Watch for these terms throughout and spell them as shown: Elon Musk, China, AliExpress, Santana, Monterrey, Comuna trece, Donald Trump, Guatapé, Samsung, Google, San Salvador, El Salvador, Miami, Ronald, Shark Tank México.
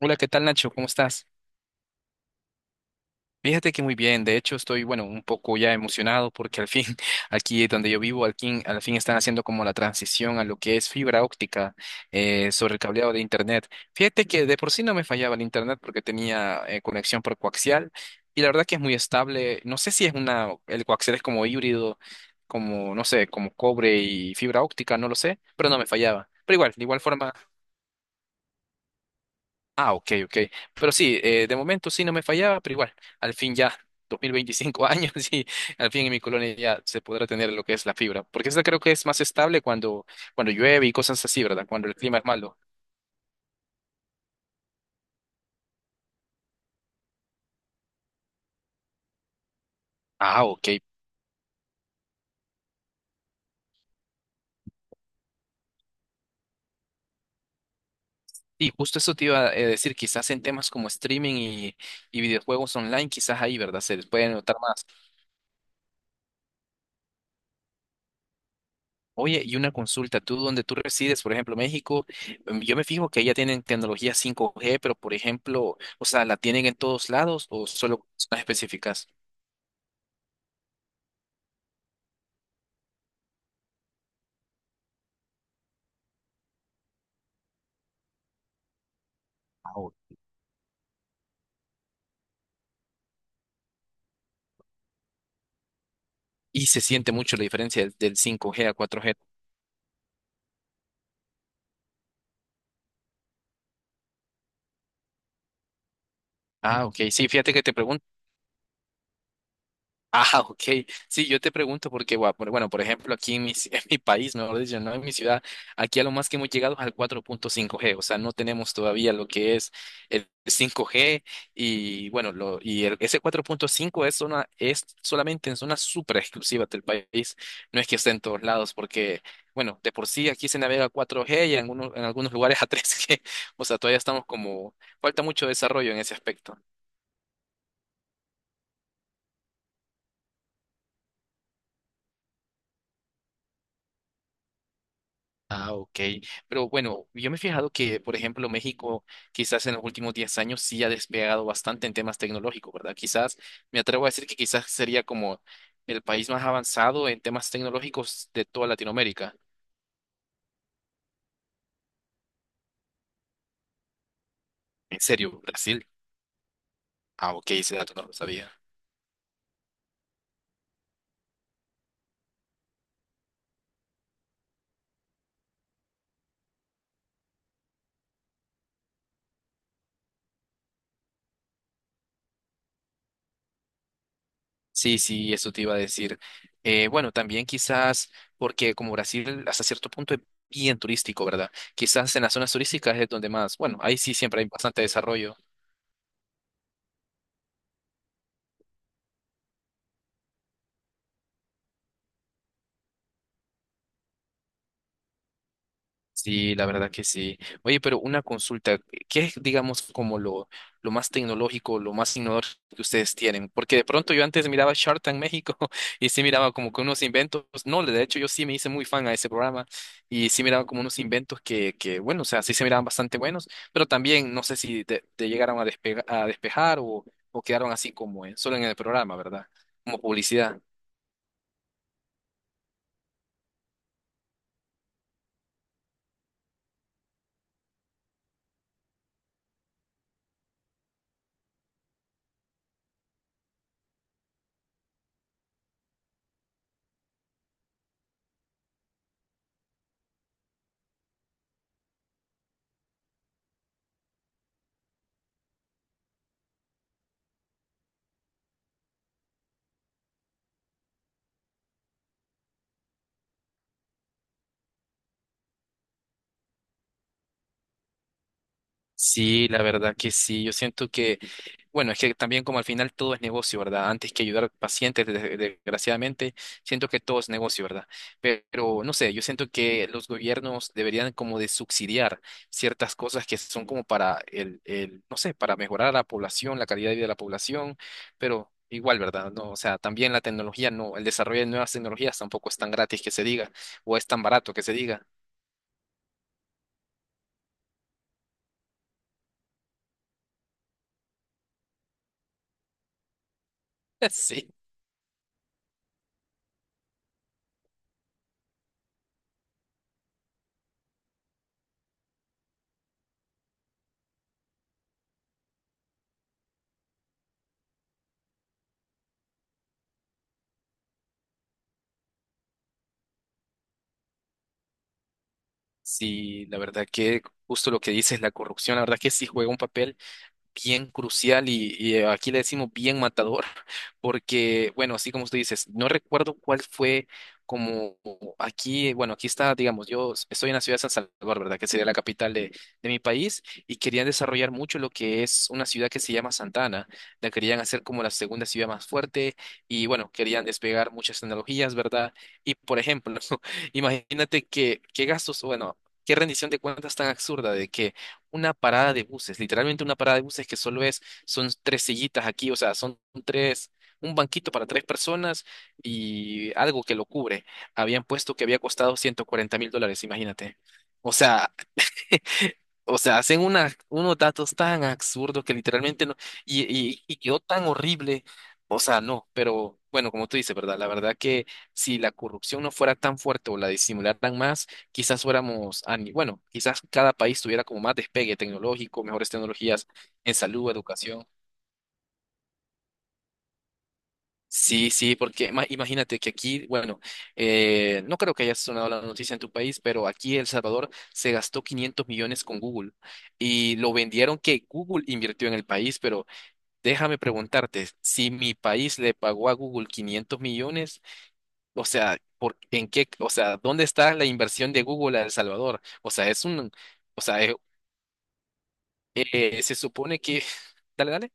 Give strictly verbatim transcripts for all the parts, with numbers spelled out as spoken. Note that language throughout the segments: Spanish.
Hola, ¿qué tal, Nacho? ¿Cómo estás? Fíjate que muy bien, de hecho estoy, bueno, un poco ya emocionado porque al fin, aquí donde yo vivo, al fin, al fin están haciendo como la transición a lo que es fibra óptica eh, sobre el cableado de Internet. Fíjate que de por sí no me fallaba el Internet porque tenía eh, conexión por coaxial, y la verdad que es muy estable. No sé si es una, el coaxial es como híbrido, como, no sé, como cobre y fibra óptica, no lo sé, pero no me fallaba. Pero igual, de igual forma. Ah, ok, ok. Pero sí, eh, de momento sí no me fallaba, pero igual, al fin ya, dos mil veinticinco años y al fin en mi colonia ya se podrá tener lo que es la fibra. Porque esa creo que es más estable cuando, cuando llueve y cosas así, ¿verdad? Cuando el clima es malo. Ah, ok. Y justo eso te iba a eh, decir, quizás en temas como streaming y, y videojuegos online, quizás ahí, ¿verdad? Se les puede notar más. Oye, y una consulta, tú donde tú resides, por ejemplo, México, em, yo me fijo que ya tienen tecnología cinco g, pero por ejemplo, o sea, ¿la tienen en todos lados o solo zonas específicas? Ah, ok. Y se siente mucho la diferencia del del cinco g a cuatro g. Ah, ok, sí, fíjate que te pregunto. Ah, ok. Sí, yo te pregunto porque, gua- por- bueno, por ejemplo, aquí en mi, ci- en mi país, mejor dicho, no en mi ciudad, aquí a lo más que hemos llegado es al cuatro punto cinco G, o sea, no tenemos todavía lo que es el cinco G, y, bueno, lo, y el- ese cuatro punto cinco es, zona, es solamente en zonas súper exclusivas del país, no es que esté en todos lados porque, bueno, de por sí aquí se navega cuatro G y en algunos, en algunos lugares a tres G, o sea, todavía estamos como, falta mucho desarrollo en ese aspecto. Ah, ok. Pero bueno, yo me he fijado que, por ejemplo, México quizás en los últimos diez años sí ha despegado bastante en temas tecnológicos, ¿verdad? Quizás, me atrevo a decir que quizás sería como el país más avanzado en temas tecnológicos de toda Latinoamérica. ¿En serio, Brasil? Ah, ok, ese dato no lo sabía. Sí, sí, eso te iba a decir. Eh, bueno, también quizás porque como Brasil hasta cierto punto es bien turístico, ¿verdad? Quizás en las zonas turísticas es donde más, bueno, ahí sí siempre hay bastante desarrollo. Sí, la verdad que sí. Oye, pero una consulta, ¿qué es, digamos, como lo, lo más tecnológico, lo más innovador que ustedes tienen? Porque de pronto yo antes miraba Shark Tank México y sí miraba como que unos inventos, no, de hecho yo sí me hice muy fan a ese programa y sí miraba como unos inventos que, que bueno, o sea, sí se miraban bastante buenos, pero también no sé si te, te llegaron a, despega- a despejar, o, o quedaron así como en- solo en el programa, ¿verdad? Como publicidad. Sí, la verdad que sí. Yo siento que, bueno, es que también como al final todo es negocio, ¿verdad? Antes que ayudar pacientes, des- desgraciadamente, siento que todo es negocio, ¿verdad? Pero, no sé, yo siento que los gobiernos deberían como de subsidiar ciertas cosas que son como para el, el, no sé, para mejorar a la población, la calidad de vida de la población, pero igual, ¿verdad? No, o sea, también la tecnología, no, el desarrollo de nuevas tecnologías tampoco es tan gratis que se diga, o es tan barato que se diga. Sí. Sí, la verdad que justo lo que dices, la corrupción, la verdad que sí juega un papel bien crucial, y, y eh, aquí le decimos bien matador, porque, bueno, así como tú dices, no recuerdo cuál fue como aquí, bueno, aquí está, digamos, yo estoy en la ciudad de San Salvador, ¿verdad? Que sería la capital de, de mi país, y querían desarrollar mucho lo que es una ciudad que se llama Santana, la querían hacer como la segunda ciudad más fuerte, y, bueno, querían despegar muchas tecnologías, ¿verdad? Y, por ejemplo, imagínate que, qué gastos, bueno, qué rendición de cuentas tan absurda de que una parada de buses, literalmente una parada de buses que solo es, son tres sillitas aquí, o sea, son tres, un banquito para tres personas y algo que lo cubre. Habían puesto que había costado ciento cuarenta mil dólares, imagínate. O sea, o sea, hacen una- unos datos tan absurdos que literalmente no, y, y, y quedó tan horrible. O sea, no, pero bueno, como tú dices, ¿verdad? La verdad que si la corrupción no fuera tan fuerte o la disimularan más, quizás fuéramos, a ni- bueno, quizás cada país tuviera como más despegue tecnológico, mejores tecnologías en salud, educación. Sí, sí, porque ima- imagínate que aquí, bueno, eh, no creo que haya sonado la noticia en tu país, pero aquí El Salvador se gastó 500 millones con Google, y lo vendieron que Google invirtió en el país, pero déjame preguntarte, si mi país le pagó a Google 500 millones, o sea, ¿por, en qué, o sea, dónde está la inversión de Google a El Salvador? O sea, es un, o sea, eh, eh, se supone que, dale, dale.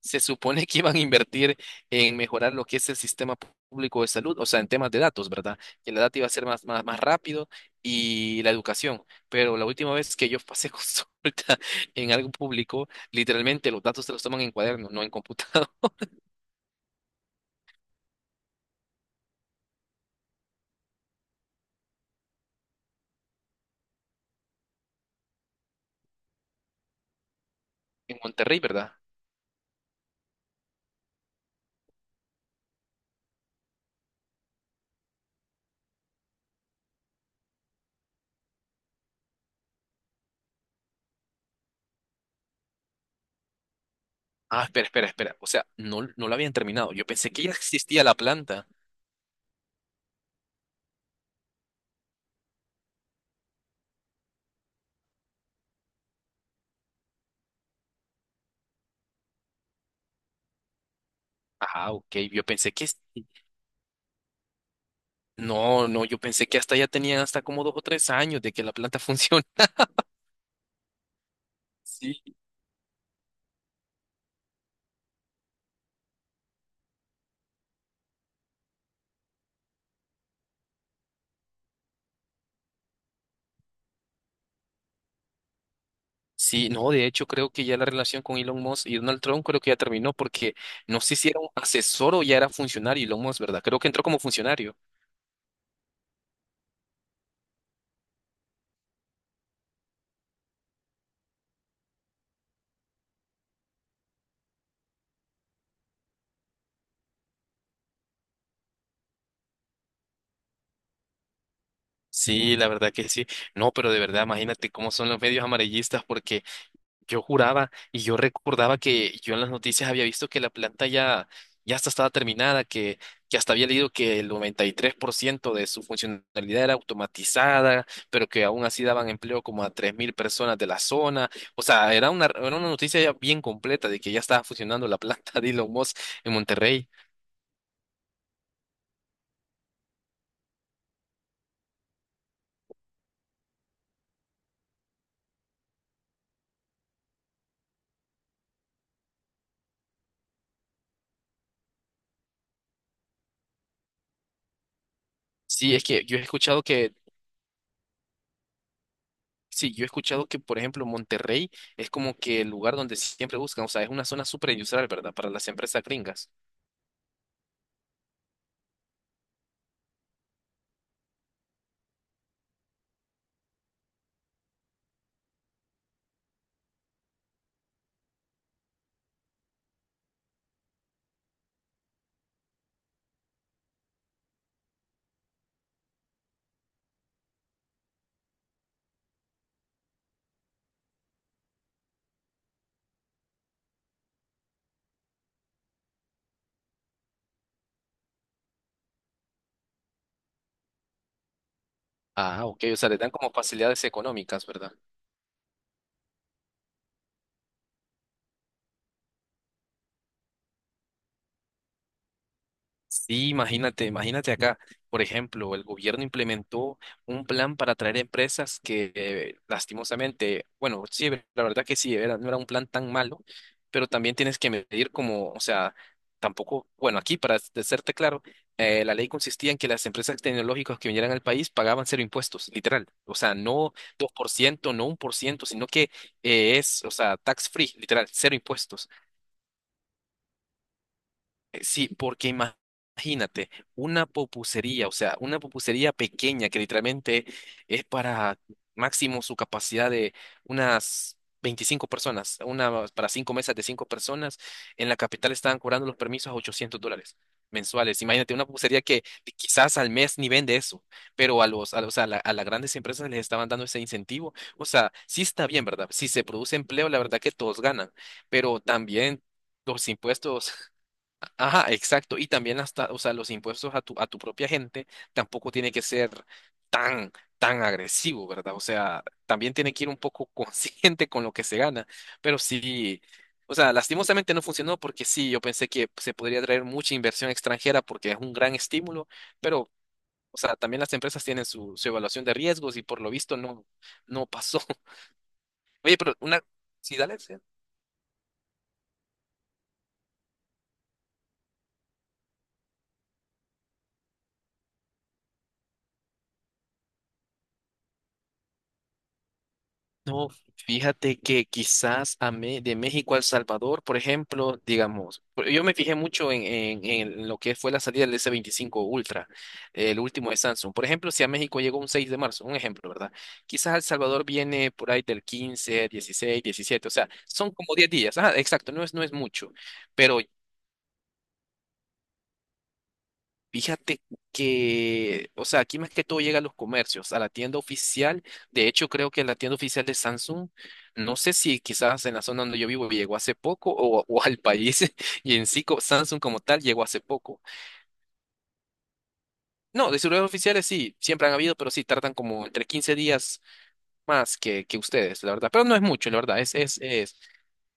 Se supone que iban a invertir en mejorar lo que es el sistema público de salud, o sea, en temas de datos, ¿verdad? Que la data iba a ser más, más, más rápido, y la educación. Pero la última vez que yo pasé consulta en algo público, literalmente los datos se los toman en cuaderno, no en computador, en Monterrey, ¿verdad? Ah, espera, espera, espera. O sea, no, no lo habían terminado. Yo pensé que ya existía la planta. Ajá, ok. Yo pensé que... es- No, no, yo pensé que hasta ya tenían hasta como dos o tres años de que la planta funciona. Sí. Sí, no, de hecho creo que ya la relación con Elon Musk y Donald Trump creo que ya terminó porque no sé si era un asesor o ya era funcionario Elon Musk, ¿verdad? Creo que entró como funcionario. Sí, la verdad que sí. No, pero de verdad, imagínate cómo son los medios amarillistas porque yo juraba y yo recordaba que yo en las noticias había visto que la planta ya, ya hasta estaba terminada, que, que hasta había leído que el noventa y tres por ciento de su funcionalidad era automatizada, pero que aún así daban empleo como a tres mil personas de la zona. O sea, era una, era una noticia ya bien completa de que ya estaba funcionando la planta de Elon Musk en Monterrey. Sí, es que yo he escuchado que... Sí, yo he escuchado que, por ejemplo, Monterrey es como que el lugar donde siempre buscan, o sea, es una zona súper industrial, ¿verdad? Para las empresas gringas. Ah, ok, o sea, les dan como facilidades económicas, ¿verdad? Sí, imagínate, imagínate acá, por ejemplo, el gobierno implementó un plan para atraer empresas que eh, lastimosamente, bueno, sí, la verdad que sí, era, no era un plan tan malo, pero también tienes que medir como, o sea, tampoco, bueno, aquí para s- serte claro, eh, la ley consistía en que las empresas tecnológicas que vinieran al país pagaban cero impuestos, literal, o sea, no dos por ciento, no un por ciento, sino que eh, es, o sea, tax free, literal, cero impuestos. Eh, Sí, porque ima- imagínate, una popucería, o sea, una popucería pequeña que literalmente es para máximo su capacidad de unas veinticinco personas, una para cinco mesas de cinco personas, en la capital estaban cobrando los permisos a ochocientos dólares mensuales. Imagínate, una pupusería que quizás al mes ni vende eso, pero a los, a los, a la- a las grandes empresas les estaban dando ese incentivo. O sea, sí está bien, ¿verdad? Si se produce empleo, la verdad que todos ganan, pero también los impuestos. Ajá, exacto. Y también hasta, o sea, los impuestos a tu, a tu propia gente tampoco tiene que ser tan, tan agresivo, ¿verdad? O sea, también tiene que ir un poco consciente con lo que se gana. Pero sí, o sea, lastimosamente no funcionó porque sí, yo pensé que se podría traer mucha inversión extranjera porque es un gran estímulo, pero, o sea, también las empresas tienen su, su evaluación de riesgos y por lo visto no, no pasó. Oye, pero una... Sí, dale. Sí. No, fíjate que quizás a Me- de México a El Salvador, por ejemplo, digamos, por- yo me fijé mucho en, en- en lo que fue la salida del s veinticinco Ultra, el último de Samsung. Por ejemplo, si a México llegó un seis de marzo, un ejemplo, ¿verdad? Quizás a El Salvador viene por ahí del quince, dieciséis, diecisiete, o sea, son como diez días. Ajá, exacto, no es, no es mucho, pero fíjate que, o sea, aquí más que todo llega a los comercios, a la tienda oficial. De hecho, creo que la tienda oficial de Samsung, no sé si quizás en la zona donde yo vivo llegó hace poco, o, o al país, y en sí co- Samsung como tal llegó hace poco. No, de celulares oficiales sí, siempre han habido, pero sí tardan como entre quince días más que, que ustedes, la verdad. Pero no es mucho, la verdad, es, es, es.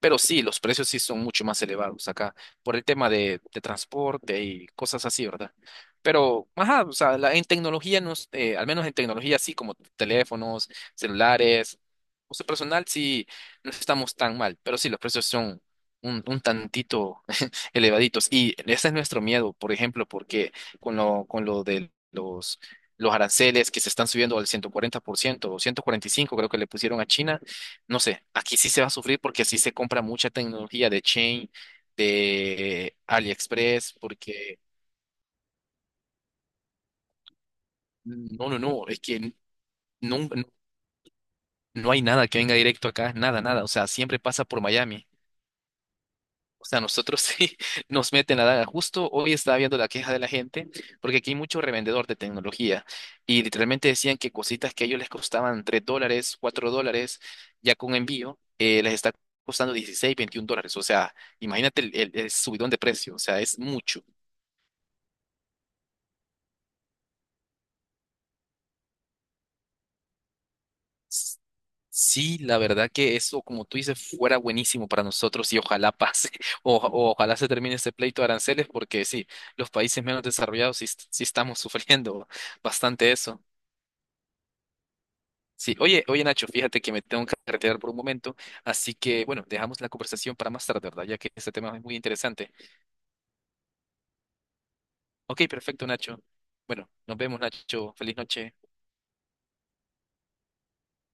Pero sí, los precios sí son mucho más elevados acá por el tema de, de transporte y cosas así, ¿verdad? Pero, ajá, o sea, la- en tecnología, nos, eh, al menos en tecnología, sí, como teléfonos, celulares, uso personal, sí, no estamos tan mal, pero sí, los precios son un, un tantito elevaditos. Y ese es nuestro miedo, por ejemplo, porque con lo, con lo de los, los aranceles que se están subiendo al ciento cuarenta por ciento o ciento cuarenta y cinco, creo que le pusieron a China. No sé, aquí sí se va a sufrir porque sí se compra mucha tecnología de Chain, de AliExpress, porque no, no, no, es que no, no, no hay nada que venga directo acá, nada, nada, o sea, siempre pasa por Miami. O sea, nosotros sí nos meten la daga. Justo hoy estaba viendo la queja de la gente, porque aquí hay mucho revendedor de tecnología y literalmente decían que cositas que a ellos les costaban tres dólares, cuatro dólares, ya con envío, eh, les está costando dieciséis veintiún dólares. O sea, imagínate el, el- el subidón de precio, o sea, es mucho. S- Sí, la verdad que eso, como tú dices, fuera buenísimo para nosotros y ojalá pase, o, o ojalá se termine este pleito de aranceles, porque sí, los países menos desarrollados sí sí estamos sufriendo bastante eso. Sí, oye, oye Nacho, fíjate que me tengo que retirar por un momento, así que bueno, dejamos la conversación para más tarde, ¿verdad? Ya que este tema es muy interesante. Ok, perfecto, Nacho. Bueno, nos vemos, Nacho. Feliz noche.